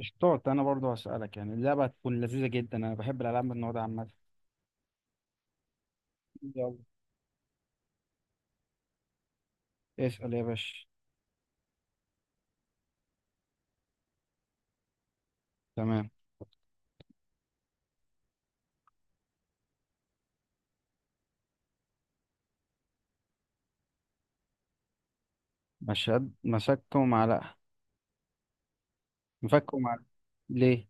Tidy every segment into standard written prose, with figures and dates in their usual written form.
اشطاط، انا برضو هسألك، يعني اللعبة هتكون لذيذة جدا. انا بحب الالعاب من النوع ده عامة. يلا، اسأل يا باشا. تمام، مشهد مسكته معلقة. مفكه معلقة. ليه؟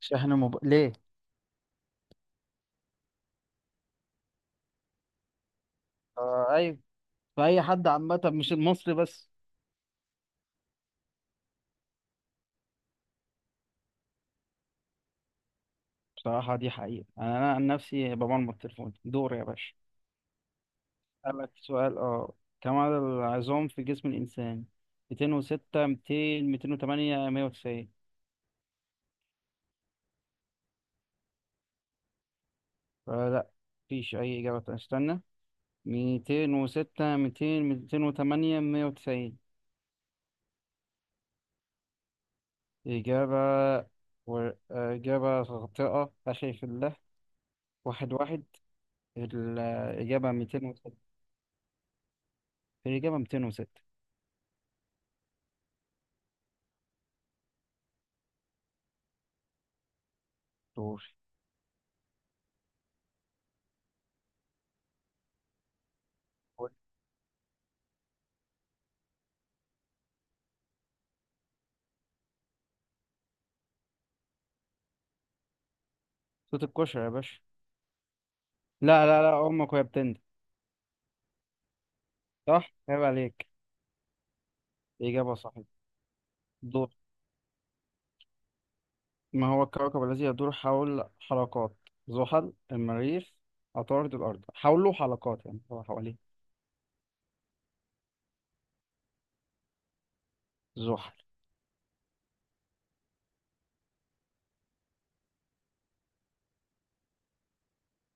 شحن موبايل؟ ليه؟ آه، ايوه. فأي حد عامة، مش المصري بس. بصراحة دي حقيقة، انا عن نفسي بمرمط تليفوني. دور يا باشا. اسألك سؤال اه كم عدد العظام في جسم الانسان؟ 206، 200، 208، 190؟ آه، لا، مفيش اي اجابة تانية. استنى. ميتين وستة، ميتين وتمانية، مية وتسعين. إجابة إجابة خاطئة، أخي في الله. واحد واحد. الإجابة ميتين وستة. الإجابة ميتين وستة. دور. صوت الكشري يا باشا. لا، لا، لا، أمك وهي بتندب. صح. عيب عليك. إجابة صحيحة. دور. ما هو الكوكب الذي يدور حول حلقات؟ زحل، المريخ، عطارد، الأرض؟ حوله حلقات يعني هو حواليه. زحل.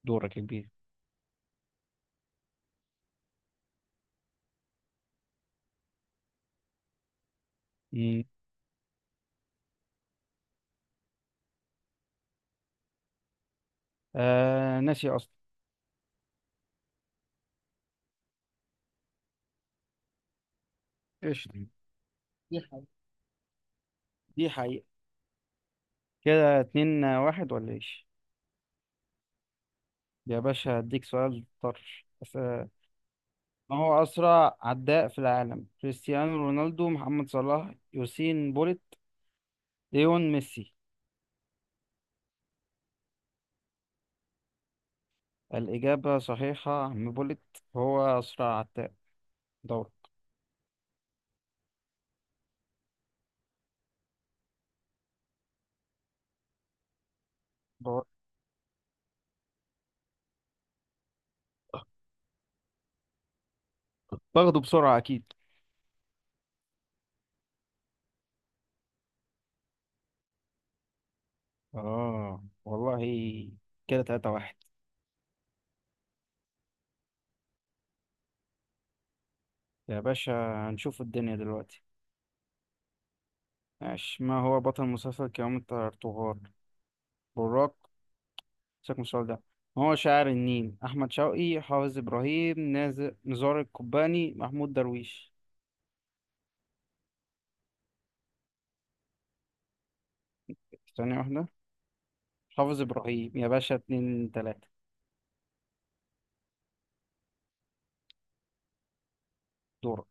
دورك يا كبير. مم. آه، ناسي أصلا. قشطة. دي حقيقة. دي حقيقة. كده اتنين واحد، ولا ايش؟ يا باشا هديك سؤال طرش بس. ما هو أسرع عداء في العالم؟ كريستيانو رونالدو، محمد صلاح، يوسين بوليت، ليون ميسي؟ الإجابة صحيحة، يا عم بوليت هو أسرع عداء. دور. دور. باخده بسرعة أكيد. آه والله. كده تلاتة واحد. يا باشا، هنشوف الدنيا دلوقتي. ماشي. ما هو بطل مسلسل كرامة الترطغرل؟ براق. سيبك من السؤال ده. هو شاعر النيل؟ أحمد شوقي، حافظ إبراهيم، نزار القباني، محمود درويش؟ ثانية واحدة. حافظ إبراهيم يا باشا. اتنين تلاتة. دورك.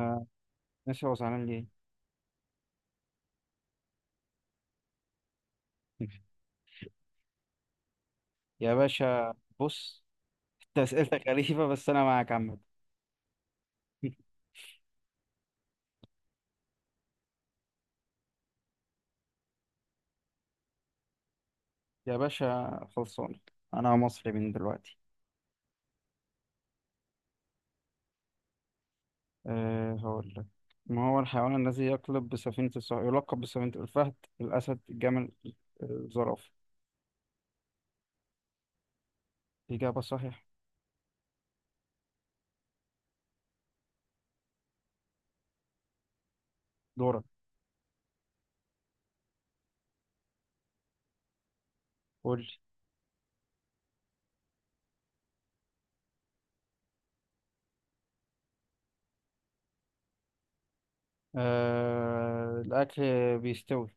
آه، ناسي هو زعلان ليه. يا باشا. بص. انت أسئلتك غريبة، بس أنا معاك عامة. يا باشا خلصان. أنا مصري من دلوقتي. أه، هقول لك. ما هو الحيوان الذي يلقب بسفينة الفهد؟ الأسد، الجمل، الزرافة؟ إجابة صحيحة. دورك. قول. آه، الأكل بيستوي.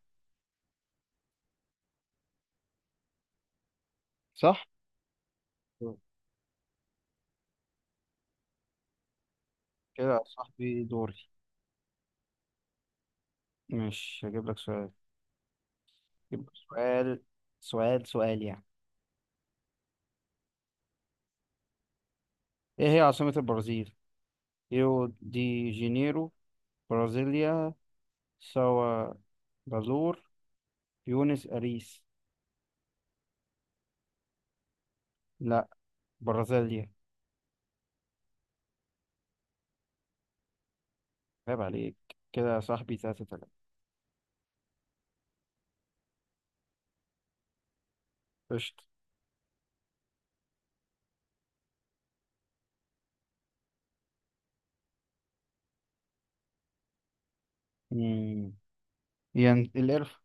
صح؟ كده يا صاحبي دوري. مش هجيب لك سؤال. هجيب لك سؤال. سؤال سؤال يعني. إيه هي عاصمة البرازيل؟ ريو دي جانيرو، برازيليا، ساو بالور، بيونس أريس؟ لا، برازيليا. عيب عليك. كده يا صاحبي تلاتة تلاتة. قشطة. مم. القرف.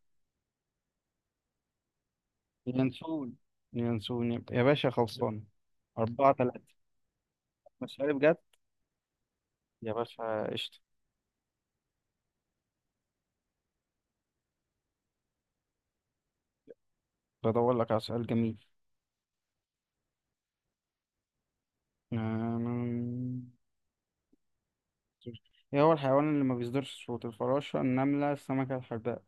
ينسون. ينسون يا باشا خلصان. أربعة تلاتة. مش عارف بجد. يا باشا قشطة. بدور لك على سؤال جميل. آم، ايه هو الحيوان اللي ما بيصدرش صوت؟ الفراشة، النملة، السمكة، الحرباء؟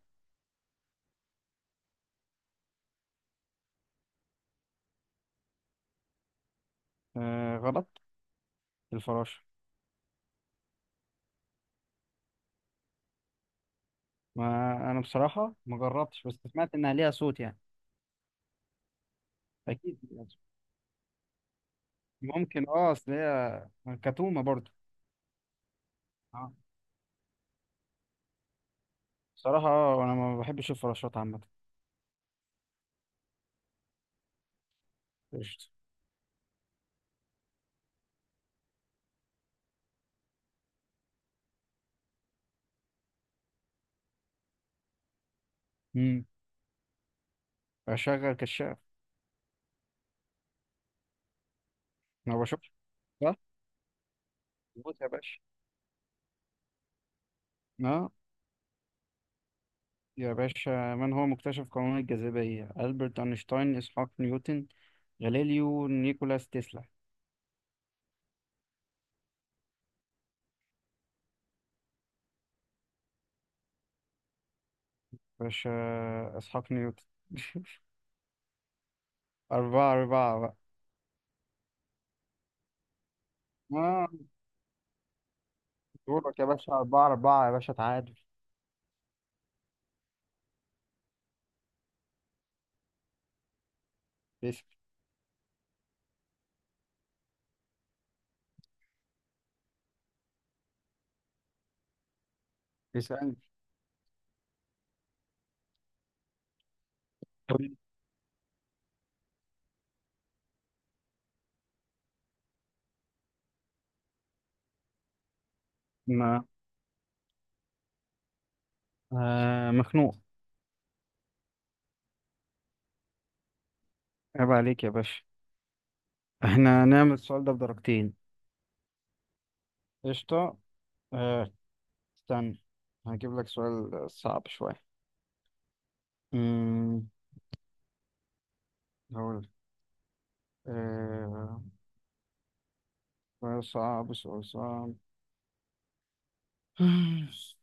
آه، غلط. الفراشة. ما انا بصراحة ما جربتش، بس سمعت انها ليها صوت يعني. اكيد ليها صوت. ممكن، اصل هي كتومة برضه. اه. بصراحة، انا ما بحبش الفراشات عامة. قشطة. امم اشغل كشاف. ما بشوفش، صح؟ موت يا باشا. اه يا باشا، من هو مكتشف قانون الجاذبية؟ ألبرت أينشتاين، إسحاق نيوتن، غاليليو، نيكولاس تسلا؟ باشا، إسحاق نيوتن. أربعة أربعة بقى آه دورك يا باشا. أربعة أربعة يا باشا. تعادل. بس- اسألني. طيب، ما مخنوق. عيب عليك يا باشا. احنا نعمل السؤال ده بدرجتين. قشطة. آه، استنى. هجيب لك سؤال صعب شوية. أمم، هقول. آه سؤال صعب. سؤال صعب. خلصت.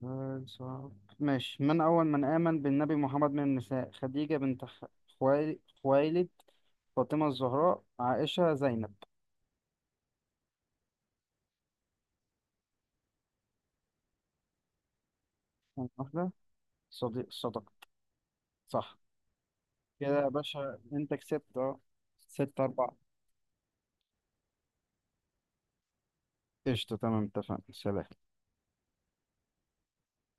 خلصت. ماشي. من أول من آمن بالنبي محمد من النساء؟ خديجة بنت خويلد، فاطمة الزهراء، عائشة، زينب؟ واحدة. صديق. صدق. صح. كده يا باشا أنت كسبت. أه، ستة أربعة. قشطة. تمام، اتفقنا. سلام.